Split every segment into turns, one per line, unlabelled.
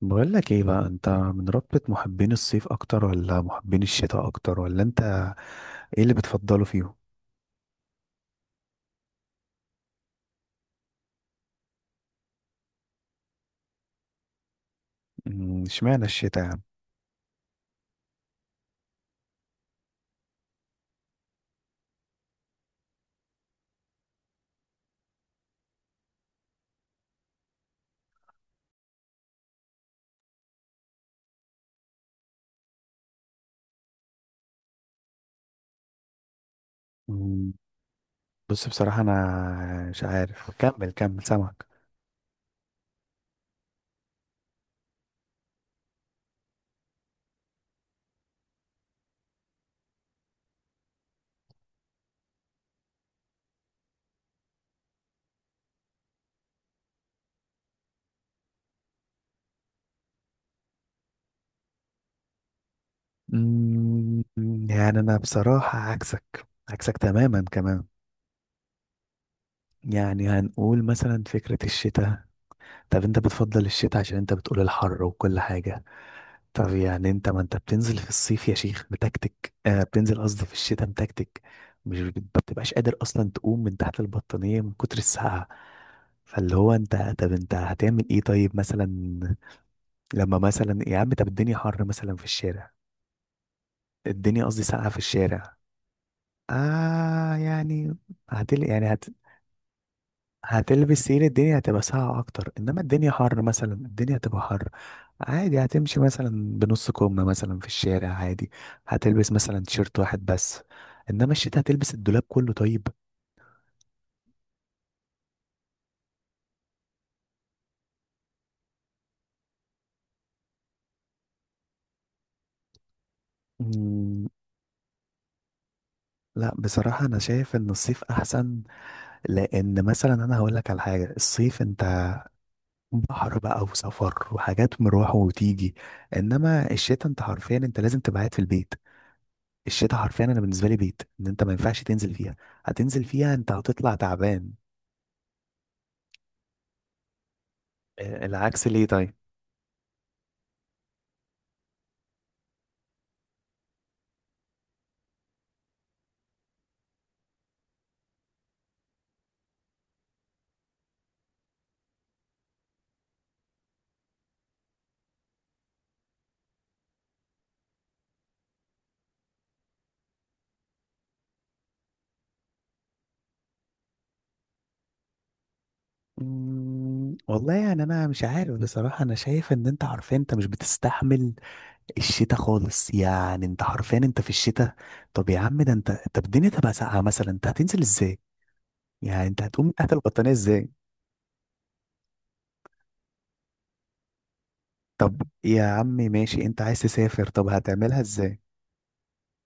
بقول لك ايه بقى، انت من رتبة محبين الصيف اكتر ولا محبين الشتاء اكتر، ولا انت ايه اللي بتفضله فيهم؟ اشمعنى الشتاء يعني؟ أمم، بص، بصراحة انا مش عارف، كمل سامعك. أمم، يعني انا بصراحة عكسك تماما كمان. يعني هنقول مثلا فكرة الشتاء. طب انت بتفضل الشتاء عشان انت بتقول الحر وكل حاجة. طب يعني انت، ما انت بتنزل في الصيف يا شيخ متكتك، آه بتنزل قصدي في الشتاء متكتك. مش بت- ما بتبقاش قادر اصلا تقوم من تحت البطانية من كتر السقعة. فاللي هو انت، طب انت هتعمل ايه طيب مثلا؟ لما مثلا يا عم، طب الدنيا حر مثلا في الشارع، الدنيا قصدي ساقعة في الشارع، آه يعني، هتل يعني هتلبس تقيل. الدنيا هتبقى ساقعة أكتر، إنما الدنيا حر مثلا، الدنيا هتبقى حر عادي. هتمشي مثلا بنص كم مثلا في الشارع عادي، هتلبس مثلا تيشيرت واحد بس. إنما الشتا هتلبس الدولاب كله طيب. مم، لا بصراحة أنا شايف إن الصيف أحسن. لأن مثلا أنا هقولك على حاجة، الصيف أنت بحر بقى، وسفر وحاجات، مروح وتيجي. إنما الشتا، أنت حرفيا أنت لازم تبقى قاعد في البيت. الشتاء حرفيا، انا بالنسبه لي بيت ان انت ما ينفعش تنزل فيها. هتنزل فيها انت هتطلع تعبان. آه، العكس ليه طيب؟ والله يعني انا مش عارف بصراحه، انا شايف ان انت حرفيا انت مش بتستحمل الشتاء خالص، يعني انت حرفيا انت في الشتاء. طب يا عم ده، انت طب الدنيا تبقى ساقعه مثلا، انت هتنزل ازاي؟ يعني انت هتقوم من تحت البطانيه ازاي؟ طب يا عمي ماشي، انت عايز تسافر طب هتعملها ازاي؟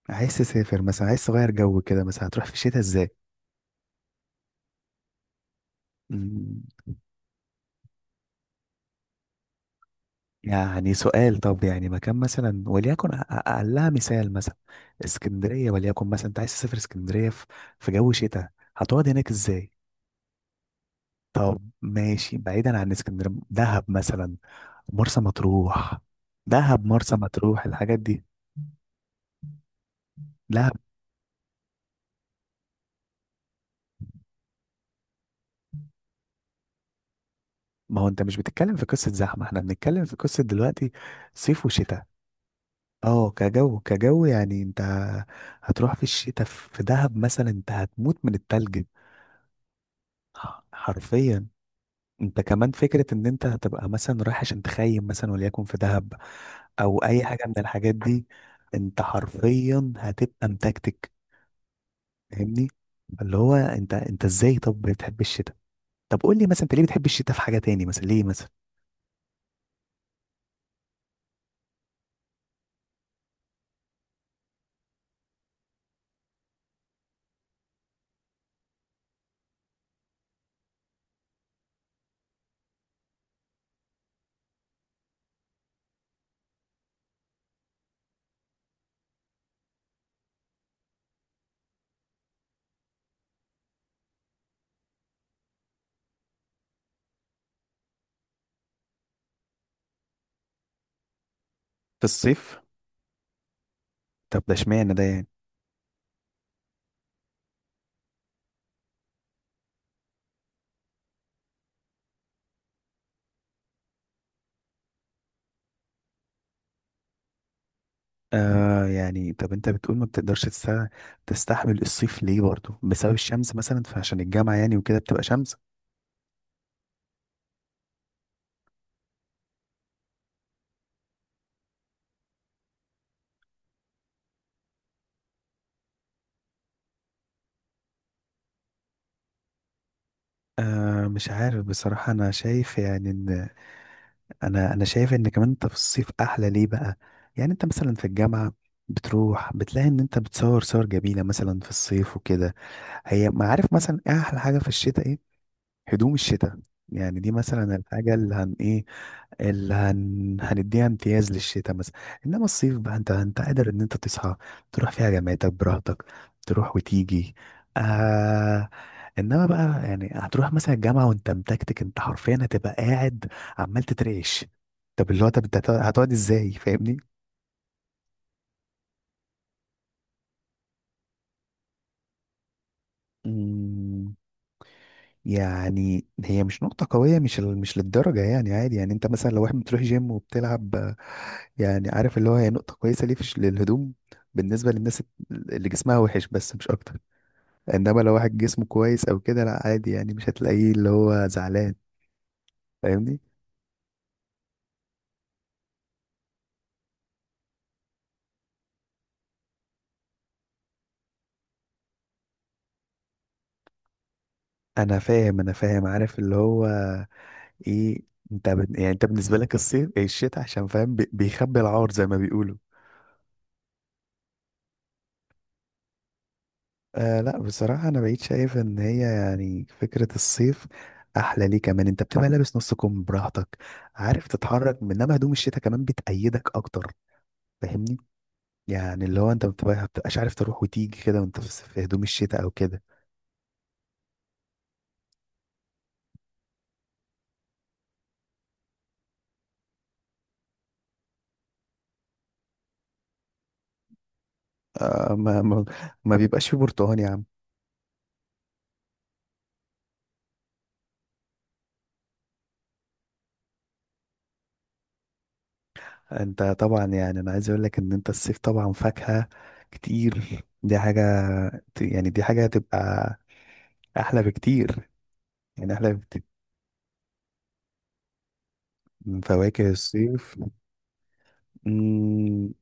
عايز تسافر مثلا، عايز تغير جو كده مثلا، هتروح في الشتاء ازاي؟ مم، يعني سؤال، طب يعني مكان مثلا وليكن اقلها مثال مثلا. اسكندريه وليكن مثلا، انت عايز تسافر اسكندريه في جو شتاء، هتقعد هناك ازاي؟ طب ماشي، بعيدا عن اسكندريه، دهب مثلا، مرسى مطروح، دهب مرسى مطروح الحاجات دي، دهب. ما هو انت مش بتتكلم في قصه زحمه، احنا بنتكلم في قصه دلوقتي صيف وشتاء. اه كجو، كجو يعني، انت هتروح في الشتاء في دهب مثلا، انت هتموت من التلج حرفيا. انت كمان فكرة ان انت هتبقى مثلا رايح عشان تخيم مثلا وليكن في دهب، او اي حاجة من الحاجات دي. انت حرفيا هتبقى متكتك. فاهمني؟ اللي هو انت ازاي طب بتحب الشتاء؟ طب قول لي مثلا، انت ليه بتحب الشتاء في حاجة تاني مثلا ليه مثلا؟ في الصيف؟ طب ده اشمعنى ده يعني؟ آه يعني، طب انت بتقول ما بتقدرش تستحمل الصيف ليه برضو؟ بسبب الشمس مثلا، فعشان الجامعة يعني وكده بتبقى شمس. آه مش عارف بصراحة، انا شايف يعني، انا شايف ان كمان انت في الصيف احلى ليه بقى. يعني انت مثلا في الجامعه بتروح بتلاقي ان انت بتصور صور جميله مثلا في الصيف وكده. هي ما عارف مثلا إيه احلى حاجه في الشتاء؟ ايه؟ هدوم الشتاء. يعني دي مثلا الحاجه اللي هن ايه، هنديها امتياز للشتاء مثلا. انما الصيف بقى، انت قادر ان انت تصحى تروح فيها جامعتك براحتك، تروح وتيجي. آه... انما بقى يعني هتروح مثلا الجامعة وانت متكتك، انت حرفيا هتبقى قاعد عمال تترعش. طب اللي هو، طب انت هتقعد ازاي؟ فاهمني؟ مم، يعني هي مش نقطة قوية، مش للدرجة يعني، عادي يعني، انت مثلا لو واحد بتروح جيم وبتلعب يعني، عارف اللي هو هي نقطة كويسة ليه فيش للهدوم بالنسبة للناس اللي جسمها وحش بس، مش أكتر. إنما لو واحد جسمه كويس أو كده، لأ عادي يعني، مش هتلاقيه اللي هو زعلان. فاهمني؟ أنا فاهم، أنا فاهم، عارف اللي هو إيه؟ أنت يعني أنت بالنسبة لك الصيف الشتاء، عشان فاهم بيخبي العار زي ما بيقولوا. آه لأ، بصراحة أنا بقيت شايف إن هي يعني فكرة الصيف أحلى ليه كمان، أنت بتبقى لابس نص كم براحتك، عارف تتحرك، إنما هدوم الشتاء كمان بتأيدك أكتر. فاهمني؟ يعني اللي هو انت ما بتبقاش عارف تروح وتيجي كده، وانت في هدوم الشتاء او كده. آه، ما بيبقاش في برتقال يا عم. انت طبعا يعني، انا عايز اقول لك ان انت الصيف طبعا فاكهة كتير، دي حاجة، يعني دي حاجة هتبقى احلى بكتير. يعني احلى بكتير من فواكه الصيف. مم،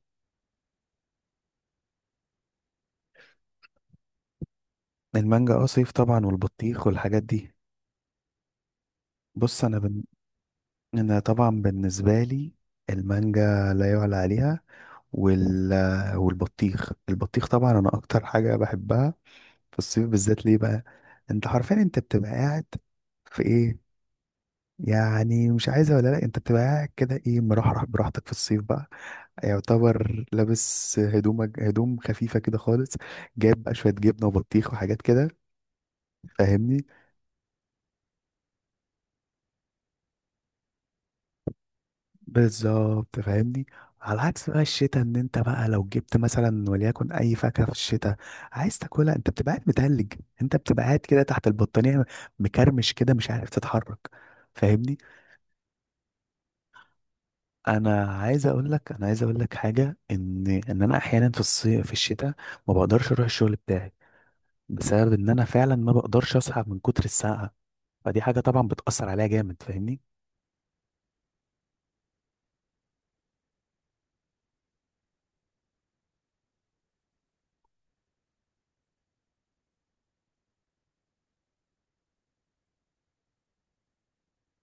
المانجا اه صيف طبعا، والبطيخ والحاجات دي. بص انا بن... انا طبعا بالنسبة لي المانجا لا يعلى عليها. وال... والبطيخ طبعا انا اكتر حاجه بحبها في الصيف بالذات ليه بقى؟ انت حرفيا انت بتبقى قاعد في ايه؟ يعني مش عايزه ولا لا، انت بتبقى قاعد كده ايه، مرحرح براحتك في الصيف بقى، يعتبر لابس هدومك هدوم خفيفه كده خالص، جايب بقى شويه جبنه وبطيخ وحاجات كده. فاهمني؟ بالظبط فاهمني. على عكس بقى الشتاء، ان انت بقى لو جبت مثلا وليكن اي فاكهه في الشتاء عايز تاكلها، انت بتبقى قاعد متهلج، انت بتبقى قاعد كده تحت البطانيه، مكرمش كده مش عارف تتحرك. فاهمني؟ انا عايز اقول لك، انا عايز اقول لك حاجه، ان انا احيانا في الصيف، في الشتاء، ما بقدرش اروح الشغل بتاعي بسبب ان انا فعلا ما بقدرش اصحى من كتر السقعه. فدي حاجه طبعا بتاثر عليا جامد، فاهمني؟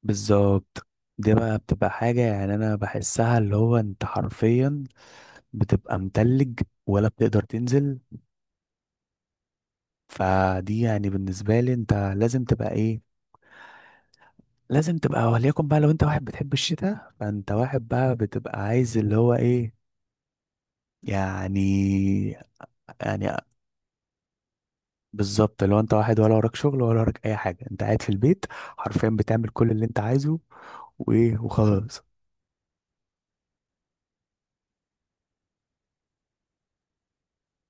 بالظبط، دي بقى بتبقى حاجة يعني أنا بحسها اللي هو أنت حرفيا بتبقى متلج، ولا بتقدر تنزل. فدي يعني بالنسبة لي انت لازم تبقى ايه، لازم تبقى، وليكن بقى لو انت واحد بتحب الشتاء فانت واحد بقى بتبقى عايز اللي هو ايه يعني يعني بالظبط لو انت واحد ولا وراك شغل ولا وراك اي حاجة، انت قاعد في البيت حرفيا بتعمل كل اللي انت عايزه، وايه وخلاص.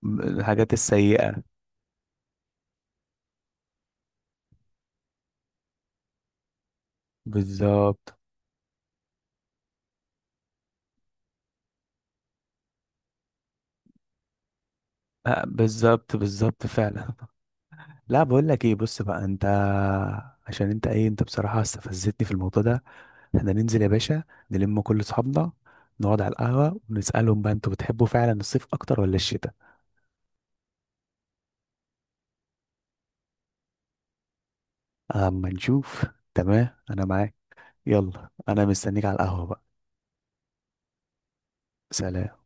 الحاجات السيئة. بالظبط. آه، بالظبط بالظبط فعلا. لا بقول لك ايه، بص بقى انت، عشان انت ايه، انت بصراحة استفزتني في الموضوع ده. احنا ننزل يا باشا، نلم كل اصحابنا، نقعد على القهوة ونسألهم بقى: انتوا بتحبوا فعلا الصيف اكتر ولا الشتاء؟ اما نشوف. تمام انا معاك. يلا انا مستنيك على القهوة بقى. سلام.